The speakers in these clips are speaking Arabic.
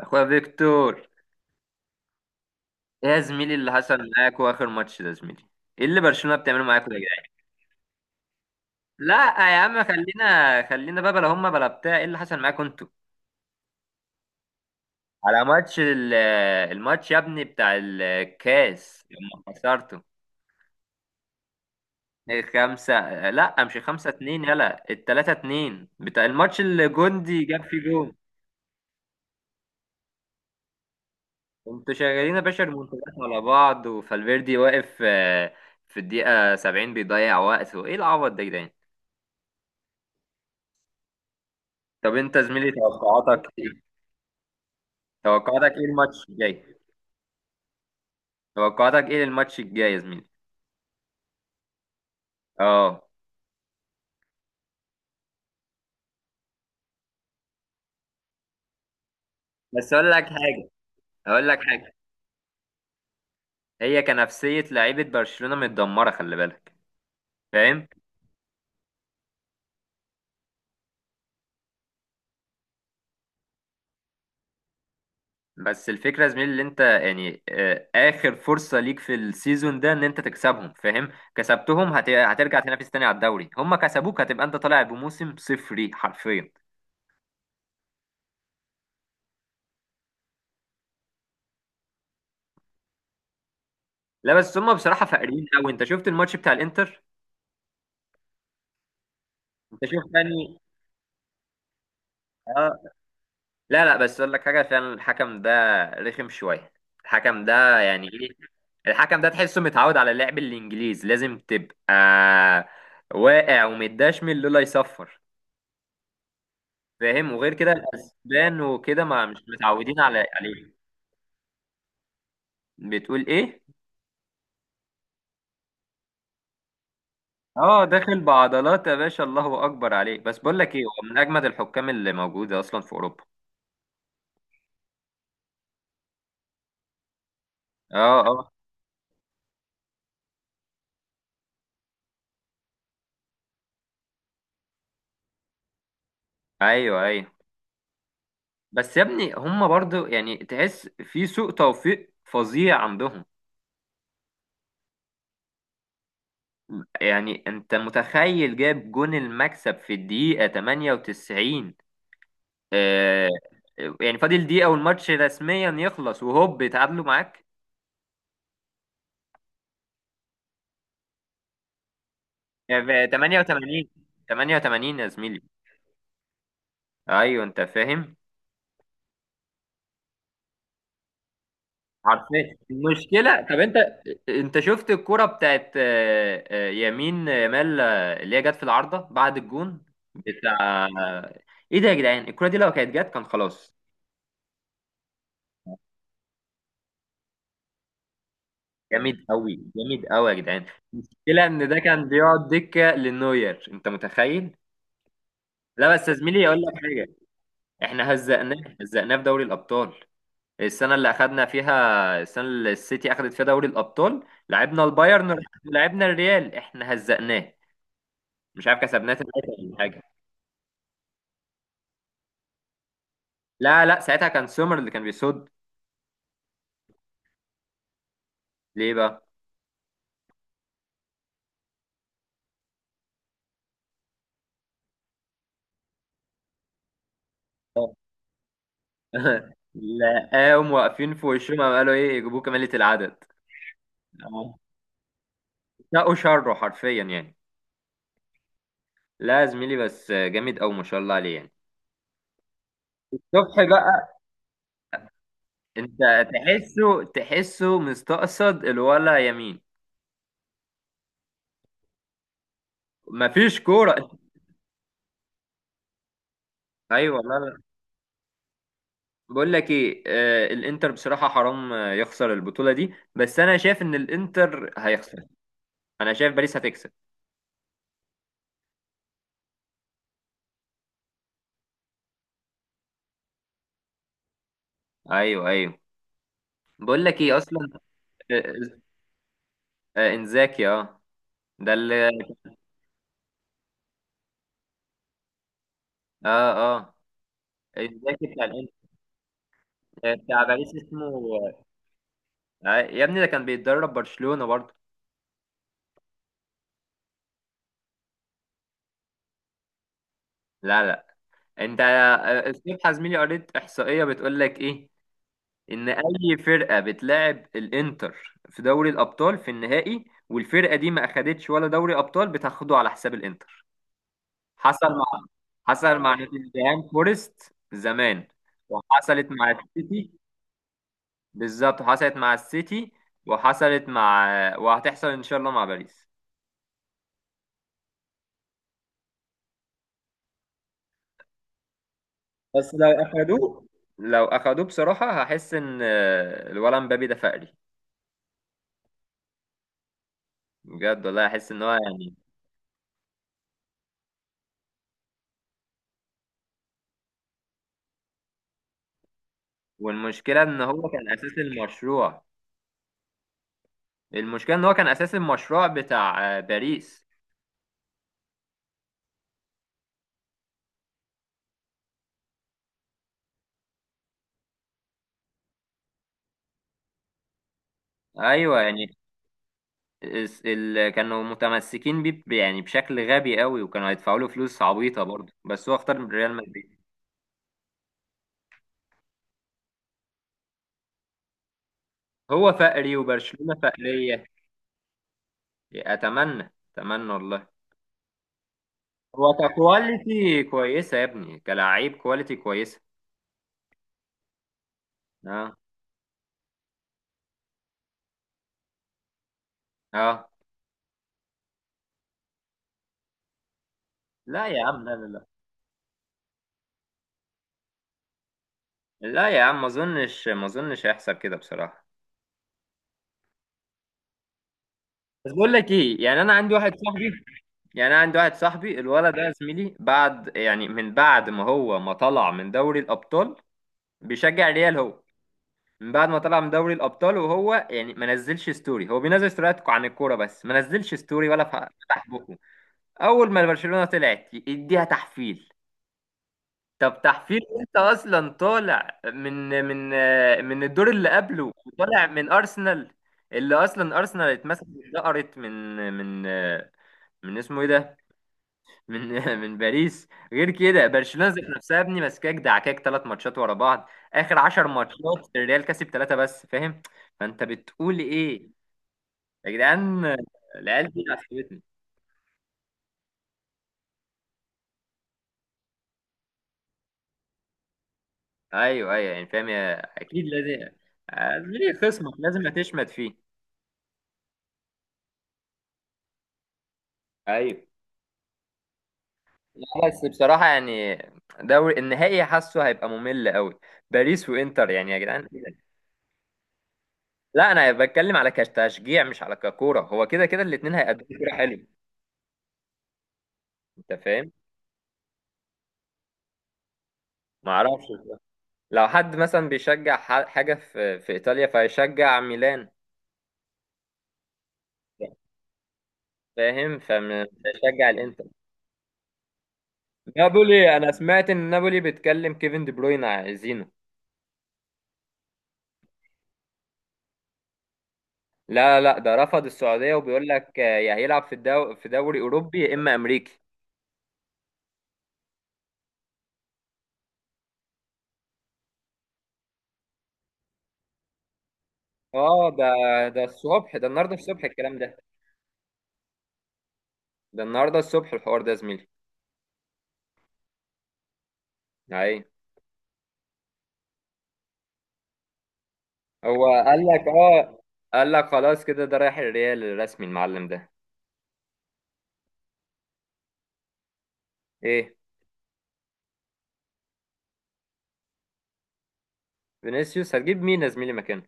اخويا فيكتور، ايه يا زميلي اللي حصل معاكوا اخر ماتش ده يا زميلي؟ ايه اللي برشلونة بتعمله معاكوا ده يا جدعان؟ لا يا عم خلينا بقى بلا هما بلا بتاع، ايه اللي حصل معاكوا انتوا؟ على ماتش الماتش يا ابني بتاع الكاس لما خسرتوا خمسة. لا مش خمسة اتنين، يلا التلاتة اتنين بتاع الماتش اللي جوندي جاب فيه جون. انتوا شغالين يا باشا ريمونتادات على بعض وفالفيردي واقف، في الدقيقة 70 بيضيع وقت، وايه العبط ده يا جدعان؟ طب انت يا زميلي توقعاتك ايه؟ توقعاتك ايه الماتش الجاي؟ توقعاتك ايه الماتش الجاي يا زميلي؟ اه. بس اقول لك حاجه، اقول لك حاجه، هي كنفسيه لعيبه برشلونه متدمره، خلي بالك، فاهم؟ بس الفكره يا زميلي اللي انت يعني، اخر فرصه ليك في السيزون ده ان انت تكسبهم، فاهم؟ كسبتهم هترجع تنافس تاني على الدوري، هم كسبوك هتبقى انت طالع بموسم صفري حرفيا. لا بس هم بصراحه فاقرين قوي. انت شفت الماتش بتاع الانتر؟ انت شفت يعني؟ اه. لا بس اقول لك حاجه، فعلا الحكم ده رخم شويه. الحكم ده يعني ايه؟ الحكم ده تحسه متعود على اللعب الانجليز، لازم تبقى واقع ومتدشمل لولا يصفر، فاهم؟ وغير كده الاسبان وكده ما مش متعودين على عليه. بتقول ايه؟ اه داخل بعضلات يا باشا، الله اكبر عليك. بس بقول لك ايه، هو من اجمد الحكام اللي موجوده اصلا في اوروبا. اه ايوه. بس يا ابني هم برضو يعني تحس في سوء توفيق فظيع عندهم. يعني انت متخيل جاب جون المكسب في الدقيقة 98؟ آه. يعني فاضل دقيقة والماتش رسميا يخلص، وهوب اتعادلوا معاك. 88، 88 يا زميلي. ايوه انت فاهم. عارفين المشكلة؟ طب انت، انت شفت الكرة بتاعت، يمين يامال، اللي هي جت في العارضة بعد الجون بتاع؟ ايه ده يا جدعان، الكرة دي لو كانت جت كان خلاص. جامد قوي، جامد قوي يا جدعان. المشكلة إن ده كان بيقعد دكة للنوير، أنت متخيل؟ لا بس يا زميلي أقول لك حاجة، إحنا هزقناه في دوري الأبطال السنة اللي أخدنا فيها، السنة اللي السيتي أخدت فيها دوري الأبطال، لعبنا البايرن لعبنا الريال إحنا هزقناه. مش عارف كسبناه تلاتة ولا حاجة. لا لا ساعتها كان سومر اللي كان بيصد. ليه بقى؟ لا قاموا واقفين في وشهم، قام قالوا إيه، يجيبوه كمالة العدد. اه. ساقوا شره حرفيا يعني. لا يا زميلي بس جامد أوي ما شاء الله عليه يعني. صبحي بقى. انت تحسه مستقصد الولا يمين؟ مفيش كوره. ايوه، لا لا. بقول لك ايه، آه الانتر بصراحه حرام، يخسر البطوله دي، بس انا شايف ان الانتر هيخسر. انا شايف باريس هتكسب. ايوه ايوه، بقول لك ايه اصلا، آه آه انزاكي. اه ده اللي، اه اه انزاكي بتاع الانتر، بتاع باريس اسمه. آه يا ابني ده كان بيتدرب برشلونه برضه. لا لا. انت الصبح يا زميلي قريت احصائيه بتقول لك ايه، ان اي فرقه بتلاعب الانتر في دوري الابطال في النهائي والفرقه دي ما اخدتش ولا دوري ابطال بتاخده على حساب الانتر. حصل مع حصل مع نوتنجهام فورست زمان، وحصلت مع السيتي. بالظبط حصلت مع السيتي، وحصلت مع، وهتحصل ان شاء الله مع باريس. بس لو اخدوه لو اخدوه بصراحه هحس ان، الولد مبابي ده فقري بجد، والله احس ان هو يعني. والمشكله ان هو كان اساس المشروع، المشكله ان هو كان اساس المشروع بتاع باريس. ايوه يعني. كانوا متمسكين بيه يعني بشكل غبي قوي، وكانوا هيدفعوا له فلوس عبيطه برضه، بس هو اختار ريال مدريد. هو فقري وبرشلونه فقريه. اتمنى، اتمنى والله. هو ككواليتي كويسه يا ابني، كلاعب كواليتي كويسه. اه اه. لا يا عم لا لا، لا يا عم ما اظنش، ما اظنش هيحصل كده بصراحه. بس بقول لك ايه، يعني انا عندي واحد صاحبي، يعني انا عندي واحد صاحبي، الولد ده يا زميلي بعد يعني من بعد ما هو ما طلع من دوري الابطال بيشجع ريال. هو من بعد ما طلع من دوري الابطال وهو يعني ما نزلش ستوري، هو بينزل ستوريات عن الكوره بس ما نزلش ستوري ولا فتح بقه. اول ما برشلونه طلعت يديها تحفيل. طب تحفيل انت اصلا طالع من الدور اللي قبله وطالع من ارسنال، اللي اصلا ارسنال اتمسكت اتدقرت من من اسمه ايه ده، من من باريس. غير كده برشلونه ذات نفسها يا ابني ماسكاك دعكاك 3 ماتشات ورا بعض، اخر 10 ماتشات الريال كسب 3 بس، فاهم؟ فانت بتقول ايه يا جدعان؟ العيال دي عصبتني. ايوه ايوه يعني فاهم يا، اكيد لازم، ليه خصمك لازم هتشمت فيه. ايوه. لا بس بصراحه يعني دوري النهائي حاسه هيبقى ممل قوي، باريس وانتر يعني يا جدعان إيه ده؟ لا انا بتكلم على كتشجيع مش على ككوره، هو كده كده الاثنين هيقدموا كوره حلو، انت فاهم؟ ما اعرفش. لو حد مثلا بيشجع حاجة في في إيطاليا فيشجع ميلان، فاهم؟ فمش هيشجع الانتر. نابولي، انا سمعت ان نابولي بيتكلم كيفن دي بروين عايزينه. لا لا ده رفض السعودية وبيقول لك، يا هيلعب في في دوري أوروبي يا إما أمريكي. اه ده، ده الصبح، ده النهارده الصبح الكلام ده، ده النهارده الصبح الحوار ده يا زميلي. اي. هو قال لك اه، قال لك خلاص كده ده رايح الريال الرسمي المعلم ده. ايه. فينيسيوس هتجيب مين يا زميلي مكانه؟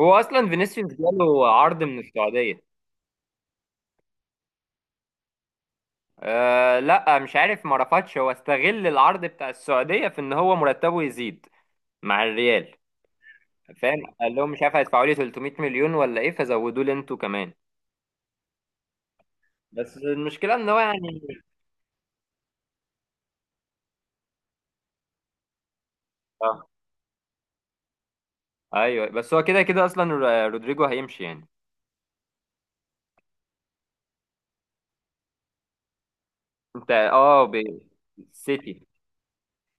هو اصلا فينيسيوس جاله عرض من السعوديه. أه لا مش عارف، ما رفضش، هو استغل العرض بتاع السعوديه في ان هو مرتبه يزيد مع الريال. فاهم؟ قال لهم مش عارف هيدفعوا لي 300 مليون ولا ايه، فزودوا لي انتوا كمان. بس المشكله ان هو يعني، اه ايوه بس هو كده كده اصلا، رودريجو هيمشي يعني. انت اه السيتي.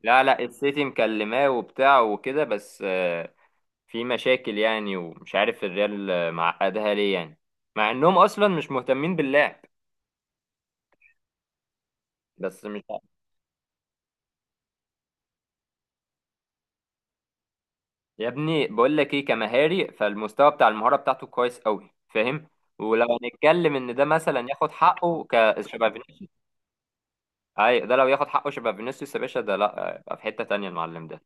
لا لا السيتي مكلماه وبتاع وكده، بس في مشاكل يعني، ومش عارف الريال معقدها ليه يعني، مع انهم اصلا مش مهتمين باللعب. بس مش عارف. يا ابني بقول لك ايه، كمهاري فالمستوى بتاع المهارة بتاعته كويس قوي، فاهم؟ ولو هنتكلم ان ده مثلا ياخد حقه ك شبه فينيسيوس، اي ده لو ياخد حقه شبه فينيسيوس يا باشا ده لا يبقى في حتة تانية المعلم ده.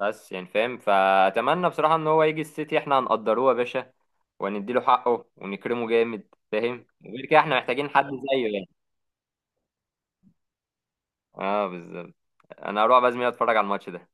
بس يعني فاهم، فاتمنى بصراحة ان هو يجي السيتي احنا هنقدروه يا باشا، ونديله حقه ونكرمه جامد، فاهم؟ وغير كده احنا محتاجين حد زيه يعني. اه بالظبط. انا هروح باذن الله اتفرج على الماتش ده.